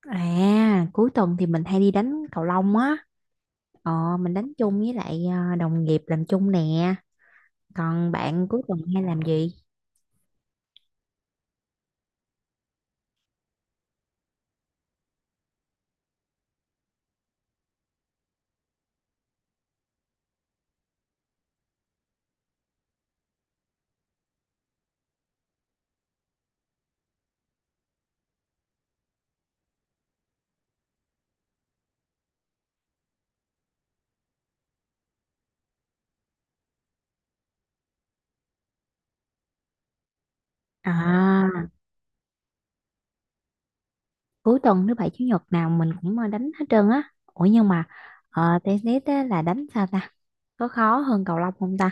À, cuối tuần thì mình hay đi đánh cầu lông á. Ờ, mình đánh chung với lại đồng nghiệp làm chung nè. Còn bạn cuối tuần hay làm gì? À, cuối tuần thứ bảy chủ nhật nào mình cũng đánh hết trơn á. Ủa nhưng mà tennis á, là đánh sao ta? Có khó hơn cầu lông không ta?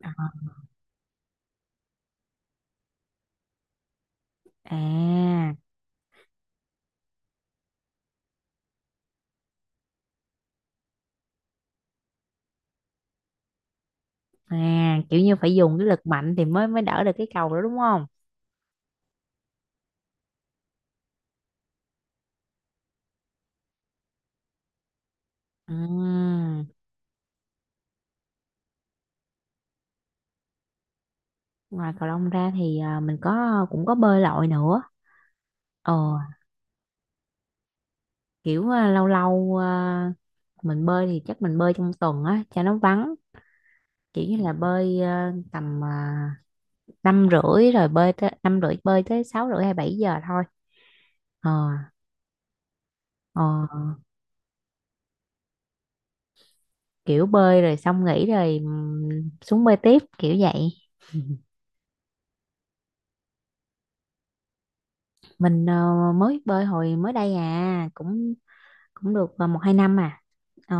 Ờ. À, à, kiểu như phải dùng cái lực mạnh thì mới mới đỡ được cái cầu đó đúng không? Ừm. Ngoài cầu lông ra thì mình có bơi lội nữa. Ờ, kiểu lâu lâu, mình bơi thì chắc mình bơi trong tuần á cho nó vắng, kiểu như là bơi 5h30, rồi bơi tới 5h30, bơi tới 6h30 hay 7 giờ thôi. Ờ ờ kiểu bơi rồi xong nghỉ rồi, xuống bơi tiếp kiểu vậy. Mình mới bơi hồi mới đây, cũng cũng được, một hai năm ờ.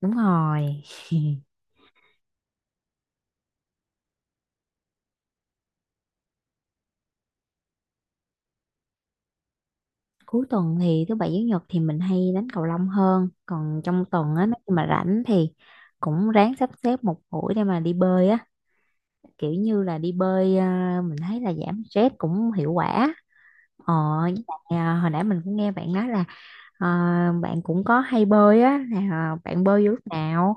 Đúng rồi. Cuối tuần thì thứ bảy chủ nhật thì mình hay đánh cầu lông hơn, còn trong tuần á nếu như mà rảnh thì cũng ráng sắp xếp một buổi để mà đi bơi á, kiểu như là đi bơi mình thấy là giảm stress cũng hiệu quả. ờ với lại, hồi nãy mình cũng nghe bạn nói là bạn cũng có hay bơi á, là bạn bơi vô lúc nào?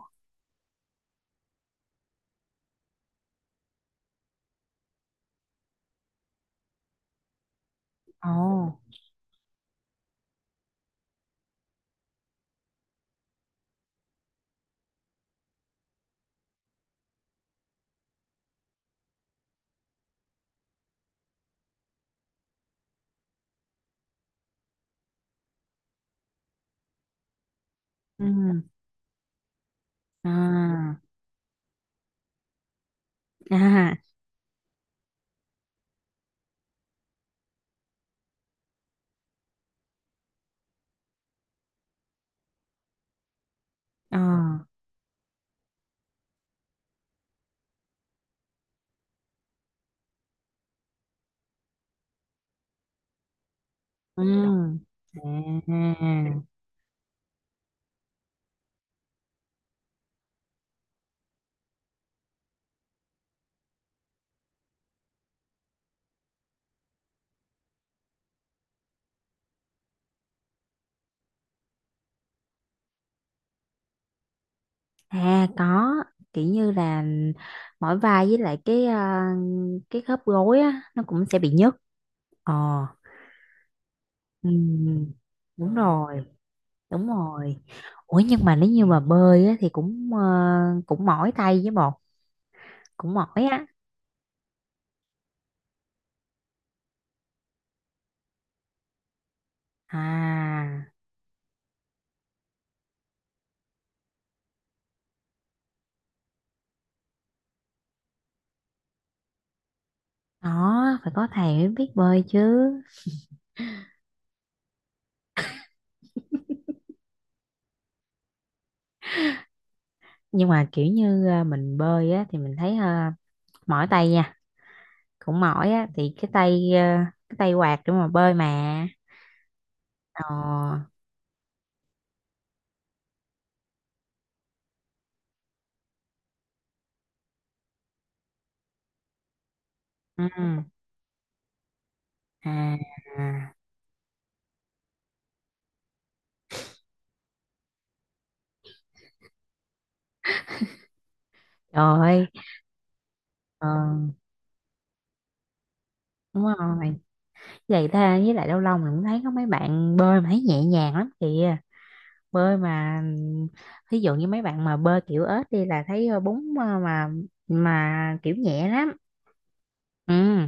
Ồ. Ừ. À. À. Ờ. Ừ. À. À, có. Kiểu như là mỏi vai, với lại cái khớp gối á nó cũng sẽ bị nhức. Ờ. Ừ, đúng rồi, đúng rồi. Ủa nhưng mà nếu như mà bơi á, thì cũng mỏi tay với bột, cũng mỏi á. À, đó phải có thầy mới biết bơi chứ. Nhưng mà kiểu như mình bơi á thì mình thấy mỏi tay nha, cũng mỏi á, thì cái tay quạt để mà bơi mà. Ờ. Ừ. À, à, trời ơi, ờ, đúng rồi. Vậy ta, với lại lâu lâu mình cũng thấy có mấy bạn bơi mà thấy nhẹ nhàng lắm kìa. Bơi mà thí dụ như mấy bạn mà bơi kiểu ếch đi là thấy bún mà kiểu nhẹ lắm. Ừ.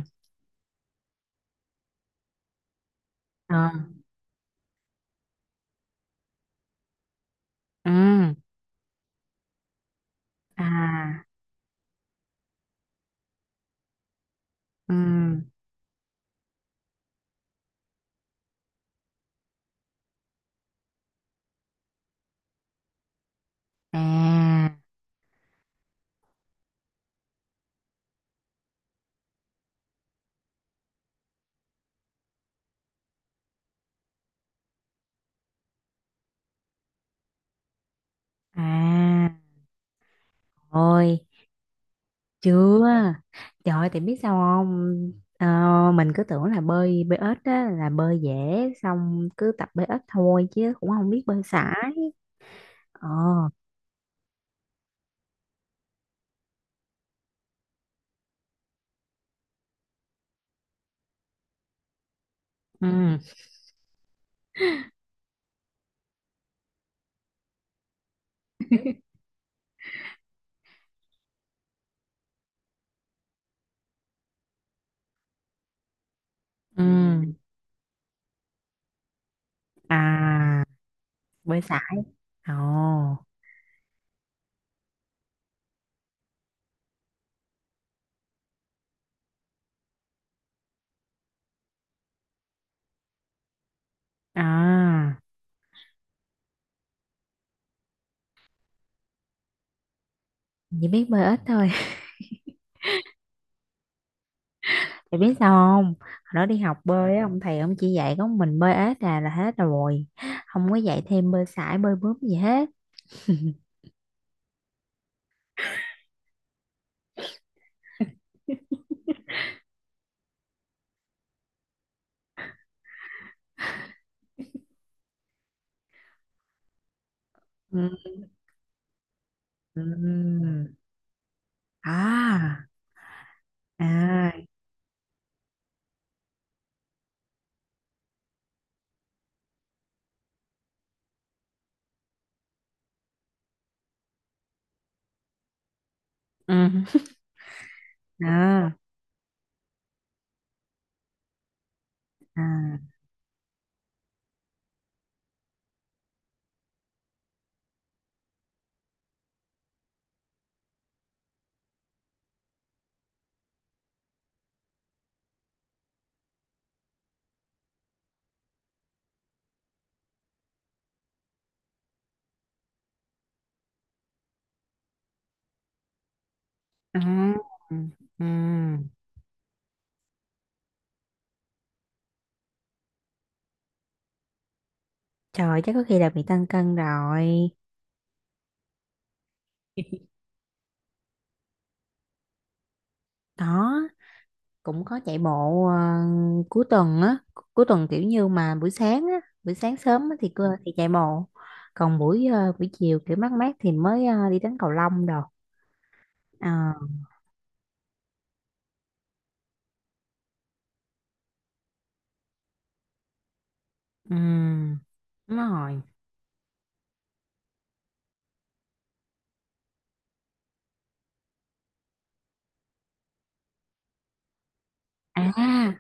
Ờ. Ừ. À. Ừ. À. À. Ôi. Chưa. Trời ơi, thì biết sao không? Ờ, mình cứ tưởng là bơi bơi ếch á là bơi dễ, xong cứ tập bơi ếch thôi chứ cũng không biết bơi sải. Ờ. Ừ. Ừ. À, bơi sải. Ồ. À, chỉ biết bơi ếch thôi. Thì biết sao không? Hồi đó đi học bơi á, ông thầy ông chỉ dạy có mình bơi ếch là hết rồi. Không có dạy thêm bơi sải, bơi bướm gì hết. Ừ. Ừ. À. À. Ừ. À. À. À, ừ. Ừ. Trời, chắc có khi là bị tăng cân rồi. Đó, cũng có chạy bộ, cuối tuần á, cuối tuần kiểu như mà buổi sáng á, buổi sáng sớm á thì cơ thì chạy bộ. Còn buổi chiều kiểu mát mát thì mới đi đánh cầu lông đồ. Ờ, ừ, đúng rồi. À,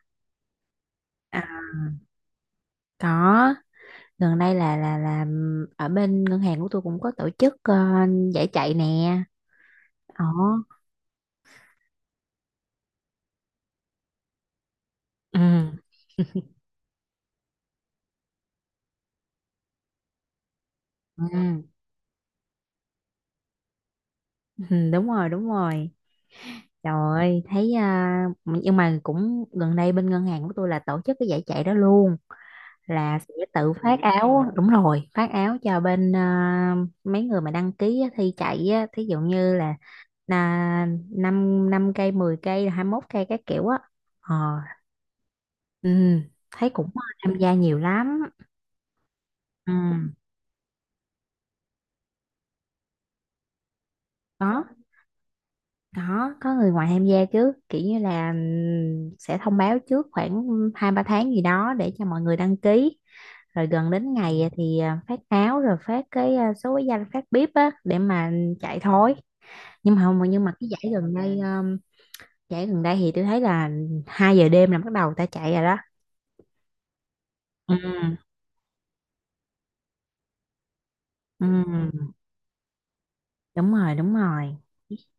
à, có, gần đây là ở bên ngân hàng của tôi cũng có tổ chức giải chạy nè. Ồ. Ừ. Ừ. Ừ, đúng rồi, đúng rồi. Trời ơi, thấy nhưng mà cũng gần đây bên ngân hàng của tôi là tổ chức cái giải chạy đó luôn, là sẽ tự phát áo, đúng rồi, phát áo cho bên mấy người mà đăng ký á, thi chạy á, thí dụ như là 5 năm cây, 10 cây, 21 cây các kiểu á. ờ, ừ, thấy cũng tham gia nhiều lắm. Ừ, có có người ngoài tham gia chứ, kiểu như là, sẽ thông báo trước khoảng hai ba tháng gì đó để cho mọi người đăng ký, rồi gần đến ngày thì phát áo, rồi phát cái số cái danh phát bếp á để mà chạy thối. Nhưng mà không, nhưng mà cái giải gần đây thì tôi thấy là 2 giờ đêm là bắt đầu ta chạy rồi đó. Ừ. Ừ, đúng rồi, đúng rồi.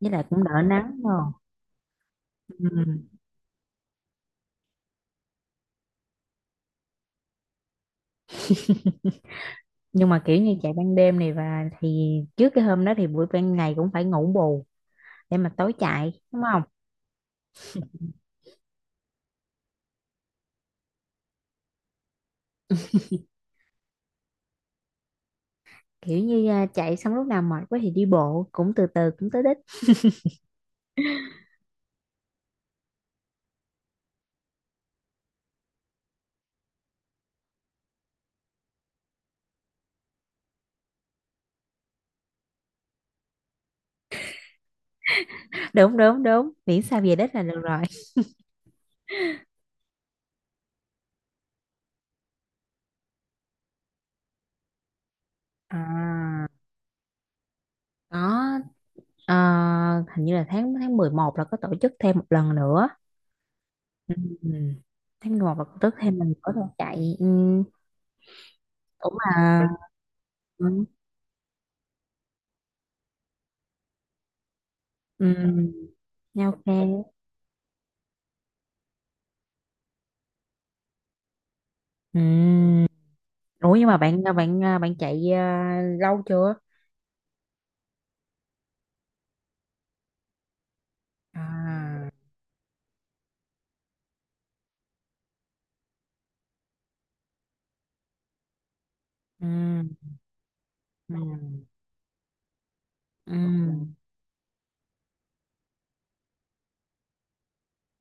Với lại cũng đỡ nắng rồi. Ừ. Nhưng mà kiểu như chạy ban đêm này và thì trước cái hôm đó thì buổi ban ngày cũng phải ngủ bù để mà tối chạy đúng không? Kiểu như chạy xong lúc nào mệt quá thì đi bộ, cũng từ từ cũng tới đích. Đúng, đúng, đúng, miễn sao về đích là được rồi. À, có, ờ, hình như là tháng tháng 11 là có tổ chức thêm một lần nữa. Ừ. Tháng 11 là tổ chức thêm lần nữa rồi chạy, cũng là. Ừ, ừ, nha, ok. Ừ. Ủa nhưng mà bạn bạn bạn chạy lâu chưa? À, ừ, ừ, ừ.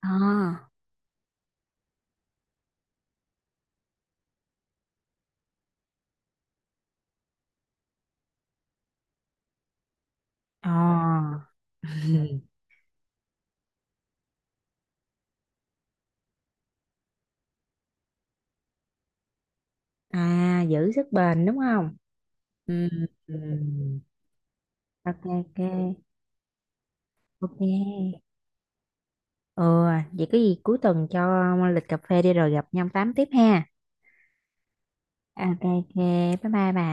À, à, giữ sức bền đúng không? Ừ. Ừ. Ok, ok, ok. Ừ, vậy có gì cuối tuần cho lịch cà phê đi rồi gặp nhau tám tiếp ha. Ok, ok, bye bye bà.